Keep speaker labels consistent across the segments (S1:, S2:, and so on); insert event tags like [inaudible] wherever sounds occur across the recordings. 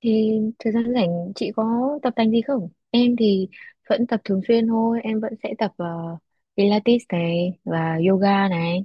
S1: Thì thời gian rảnh chị có tập tành gì không? Em thì vẫn tập thường xuyên thôi, em vẫn sẽ tập Pilates này và yoga này.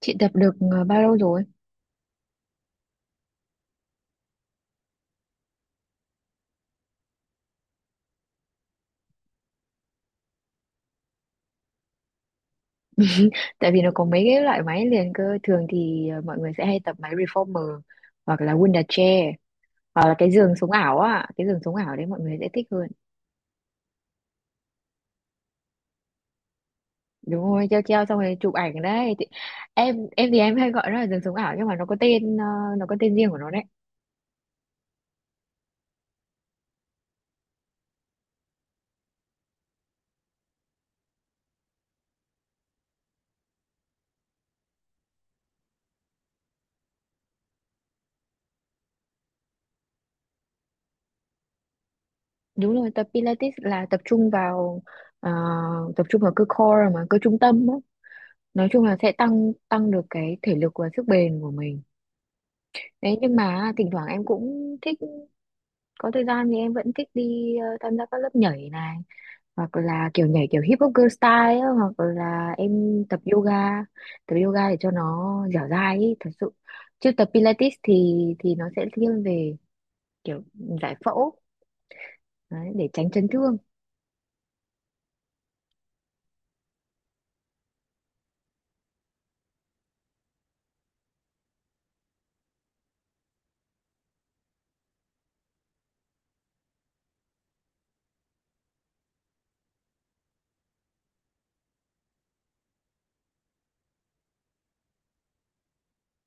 S1: Chị tập được bao lâu rồi? Tại vì nó có mấy cái loại máy liền cơ, thường thì mọi người sẽ hay tập máy reformer hoặc là Wunda chair hoặc là cái giường sống ảo á, cái giường sống ảo đấy mọi người sẽ thích hơn. Đúng rồi, treo treo xong rồi chụp ảnh đấy. Thì em thì em hay gọi nó là giường sống ảo nhưng mà nó có tên riêng của nó. Đúng rồi, tập Pilates là tập trung ờ, vào cơ core mà cơ trung tâm á. Nói chung là sẽ tăng tăng được cái thể lực và sức bền của mình đấy, nhưng mà thỉnh thoảng em cũng thích, có thời gian thì em vẫn thích đi tham gia các lớp nhảy này, hoặc là kiểu nhảy kiểu hip hop girl style á, hoặc là em tập yoga để cho nó dẻo dai ý, thật sự. Chứ tập Pilates thì nó sẽ thiên về kiểu giải phẫu đấy, để tránh chấn thương.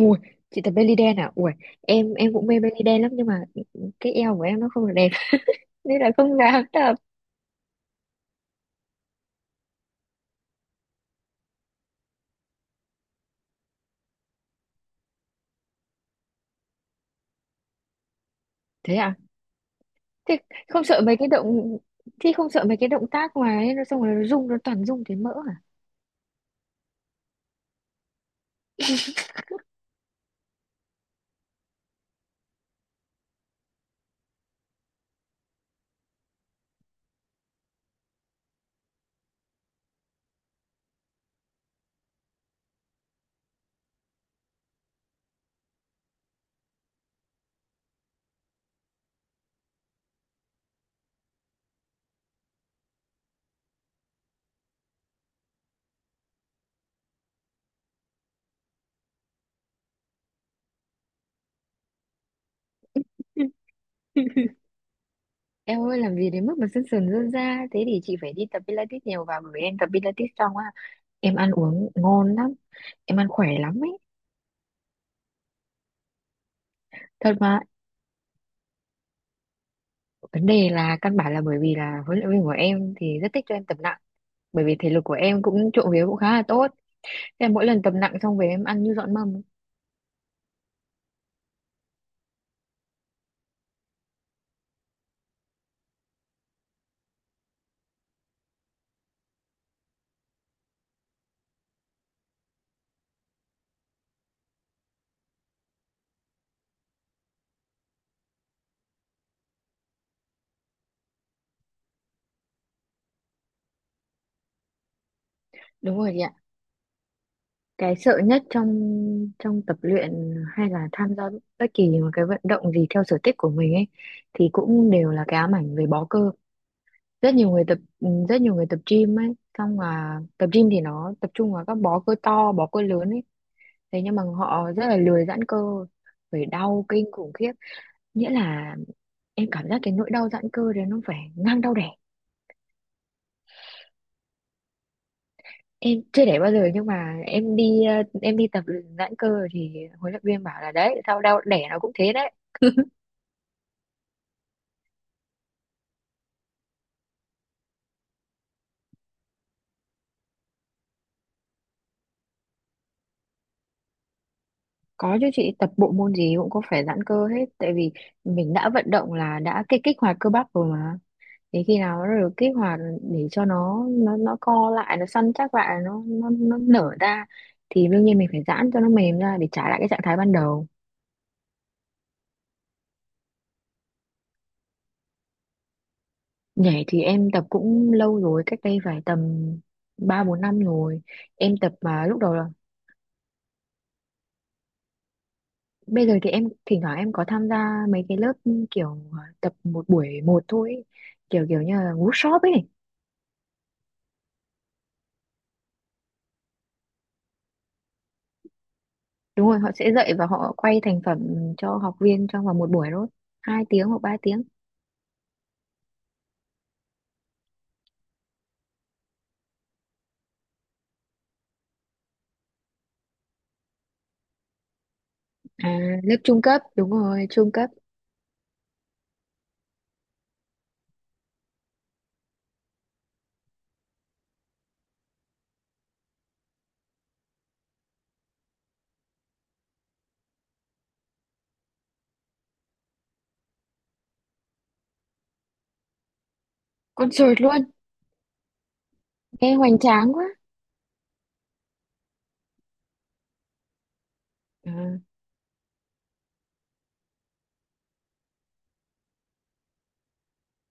S1: Ui, chị tập belly dance à? Ui, em cũng mê belly dance lắm nhưng mà cái eo của em nó không được đẹp [laughs] nên là không dám tập. Thế à? Thế không sợ mấy cái động thì không sợ mấy cái động tác mà ấy, nó xong rồi nó rung, nó toàn rung thấy mỡ à? Ừ. Em ơi, làm gì đến mức mà sân sườn rơn ra thế, thì chị phải đi tập Pilates nhiều vào, bởi vì em tập Pilates xong á em ăn uống ngon lắm, em ăn khỏe lắm ấy, thật mà. Vấn đề là căn bản là bởi vì là huấn luyện viên của em thì rất thích cho em tập nặng, bởi vì thể lực của em cũng trộm vía cũng khá là tốt. Em mỗi lần tập nặng xong về em ăn như dọn mâm ấy. Đúng rồi chị ạ. Cái sợ nhất trong trong tập luyện hay là tham gia bất kỳ một cái vận động gì theo sở thích của mình ấy, thì cũng đều là cái ám ảnh về bó cơ. Rất nhiều người tập gym ấy, xong là tập gym thì nó tập trung vào các bó cơ to, bó cơ lớn ấy. Thế nhưng mà họ rất là lười giãn cơ, phải đau kinh khủng khiếp. Nghĩa là em cảm giác cái nỗi đau giãn cơ đấy nó phải ngang đau đẻ. Em chưa đẻ bao giờ nhưng mà em đi tập giãn cơ rồi, thì huấn luyện viên bảo là đấy, sau đau đẻ nó cũng thế đấy. Có chứ, chị tập bộ môn gì cũng có phải giãn cơ hết, tại vì mình đã vận động là đã kích kích hoạt cơ bắp rồi mà, thì khi nào nó được kích hoạt để cho nó co lại, nó săn chắc lại, nó nở ra, thì đương nhiên mình phải giãn cho nó mềm ra để trả lại cái trạng thái ban đầu. Nhảy thì em tập cũng lâu rồi, cách đây phải tầm ba bốn năm rồi em tập, mà lúc đầu. Bây giờ thì em thỉnh thoảng em có tham gia mấy cái lớp kiểu tập một buổi một thôi ấy. Kiểu kiểu như là workshop ấy. Đúng rồi, họ sẽ dạy và họ quay thành phẩm cho học viên trong vòng một buổi thôi. 2 tiếng hoặc 3 tiếng. À, lớp trung cấp, đúng rồi, trung cấp. Concert luôn, nghe hoành tráng quá. À,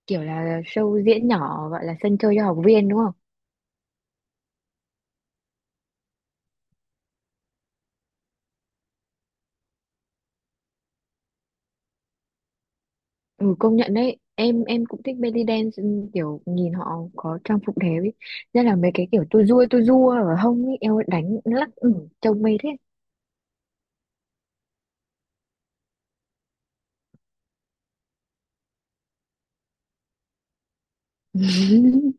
S1: kiểu là show diễn nhỏ gọi là sân chơi cho học viên đúng. Ừ, công nhận đấy, em cũng thích belly dance, ừ, kiểu nhìn họ có trang phục đẹp ấy, nhất là mấy cái kiểu tua rua ở hông ấy, eo đánh lắc, ừ, trông mê thế. [laughs]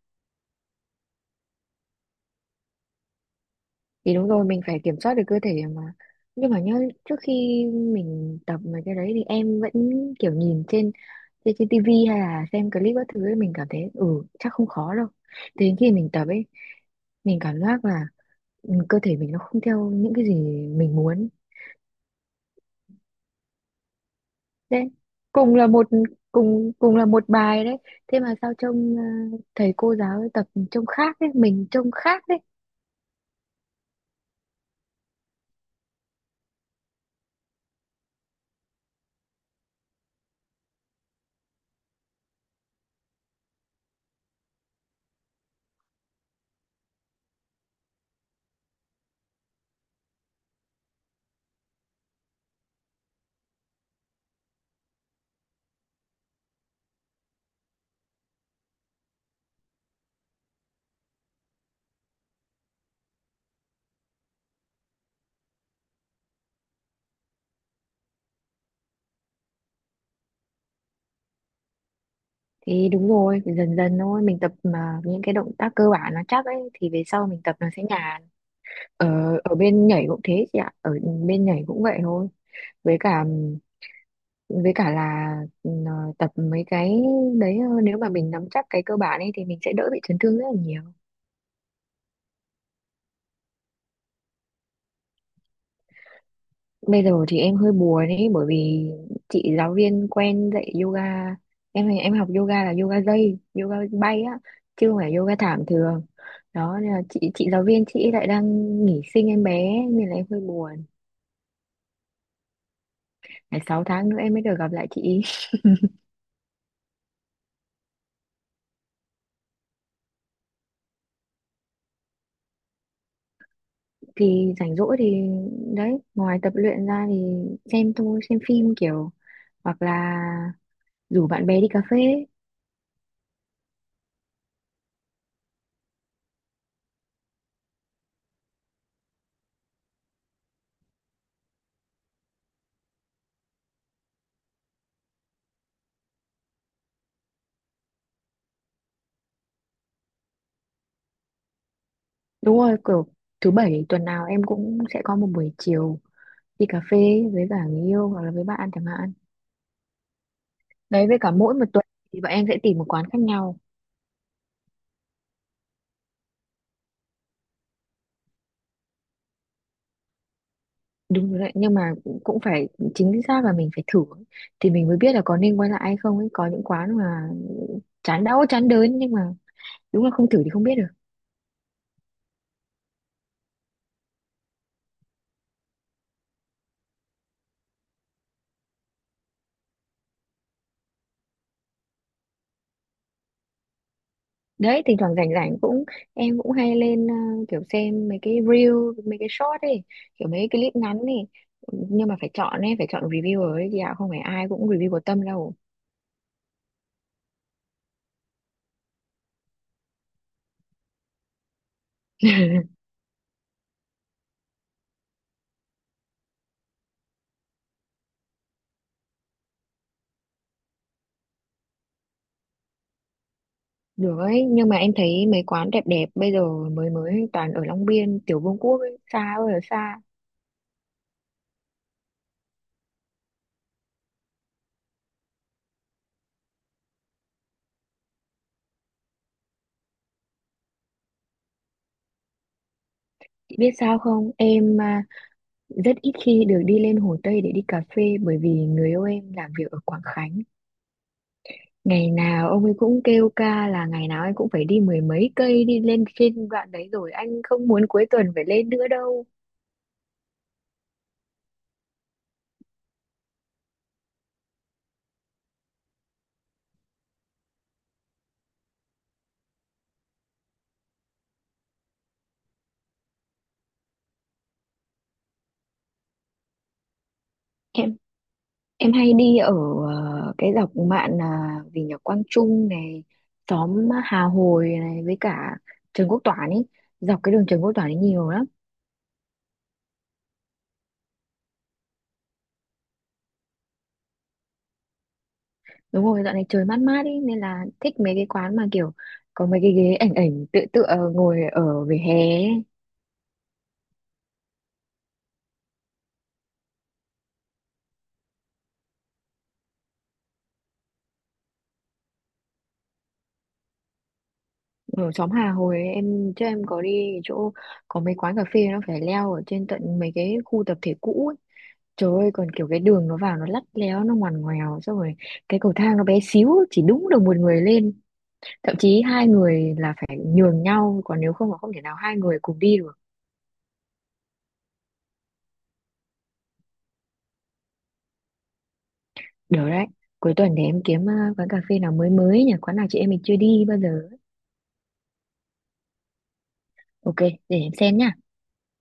S1: Thì đúng rồi, mình phải kiểm soát được cơ thể mà. Nhưng mà nhá, trước khi mình tập mấy cái đấy thì em vẫn kiểu nhìn trên trên, trên tivi hay là xem clip các thứ ấy, mình cảm thấy ừ chắc không khó đâu. Thế đến khi mình tập ấy, mình cảm giác là, ừ, cơ thể mình nó không theo những cái gì mình muốn. Đấy, cùng là một cùng là một bài đấy, thế mà sao trông thầy cô giáo ấy tập trông khác đấy, mình trông khác đấy. Thì đúng rồi, phải dần dần thôi, mình tập mà những cái động tác cơ bản nó chắc ấy thì về sau mình tập nó sẽ nhàn. Ở ở bên nhảy cũng thế chị ạ, ở bên nhảy cũng vậy thôi, với cả với cả là ờ, tập mấy cái đấy, nếu mà mình nắm chắc cái cơ bản ấy thì mình sẽ đỡ bị chấn thương rất là nhiều. Bây giờ thì em hơi buồn ấy, bởi vì chị giáo viên quen dạy yoga, em học yoga là yoga dây, yoga bay á, chứ không phải yoga thảm thường đó, nên là chị giáo viên chị lại đang nghỉ sinh em bé nên là em hơi buồn, phải 6 tháng nữa em mới được gặp lại chị [laughs] ý. Thì rảnh rỗi thì đấy, ngoài tập luyện ra thì xem thôi, xem phim kiểu, hoặc là rủ bạn bè đi cà phê. Đúng rồi, kiểu thứ bảy tuần nào em cũng sẽ có một buổi chiều đi cà phê với cả người yêu hoặc là với bạn chẳng hạn. Đấy, với cả mỗi một tuần thì bọn em sẽ tìm một quán khác nhau. Đúng rồi đấy, nhưng mà cũng phải, chính xác là mình phải thử ấy, thì mình mới biết là có nên quay lại hay không ấy. Có những quán mà chán đau chán đớn, nhưng mà đúng là không thử thì không biết được. Đấy, thỉnh thoảng rảnh rảnh cũng, em cũng hay lên kiểu xem mấy cái reel, mấy cái short ấy, kiểu mấy cái clip ngắn ấy, nhưng mà phải chọn ấy, phải chọn reviewer ấy chị ạ, không phải ai cũng review có tâm đâu. [laughs] Được ấy, nhưng mà em thấy mấy quán đẹp đẹp bây giờ mới mới toàn ở Long Biên, Tiểu Vương Quốc ấy, xa ơi là xa. Chị biết sao không? Em à, rất ít khi được đi lên Hồ Tây để đi cà phê, bởi vì người yêu em làm việc ở Quảng Khánh. Ngày nào ông ấy cũng kêu ca là ngày nào anh cũng phải đi mười mấy cây đi lên trên đoạn đấy rồi, anh không muốn cuối tuần phải lên nữa đâu. em Em hay đi ở cái dọc mạn là vì nhà Quang Trung này, xóm Hà Hồi này, với cả Trần Quốc Toản ấy, dọc cái đường Trần Quốc Toản ấy nhiều lắm. Đúng rồi, dạo này trời mát mát ấy nên là thích mấy cái quán mà kiểu có mấy cái ghế ảnh ảnh tựa tựa ngồi ở vỉa hè ấy. Ở xóm Hà Hồi ấy, em chứ em có đi cái chỗ có mấy quán cà phê nó phải leo ở trên tận mấy cái khu tập thể cũ ấy. Trời ơi, còn kiểu cái đường nó vào nó lắt léo nó ngoằn ngoèo, xong rồi cái cầu thang nó bé xíu chỉ đúng được một người lên, thậm chí hai người là phải nhường nhau, còn nếu không là không thể nào hai người cùng đi được. Được đấy, cuối tuần để em kiếm quán cà phê nào mới mới nhỉ, quán nào chị em mình chưa đi bao giờ. Ok, để em xem nhá.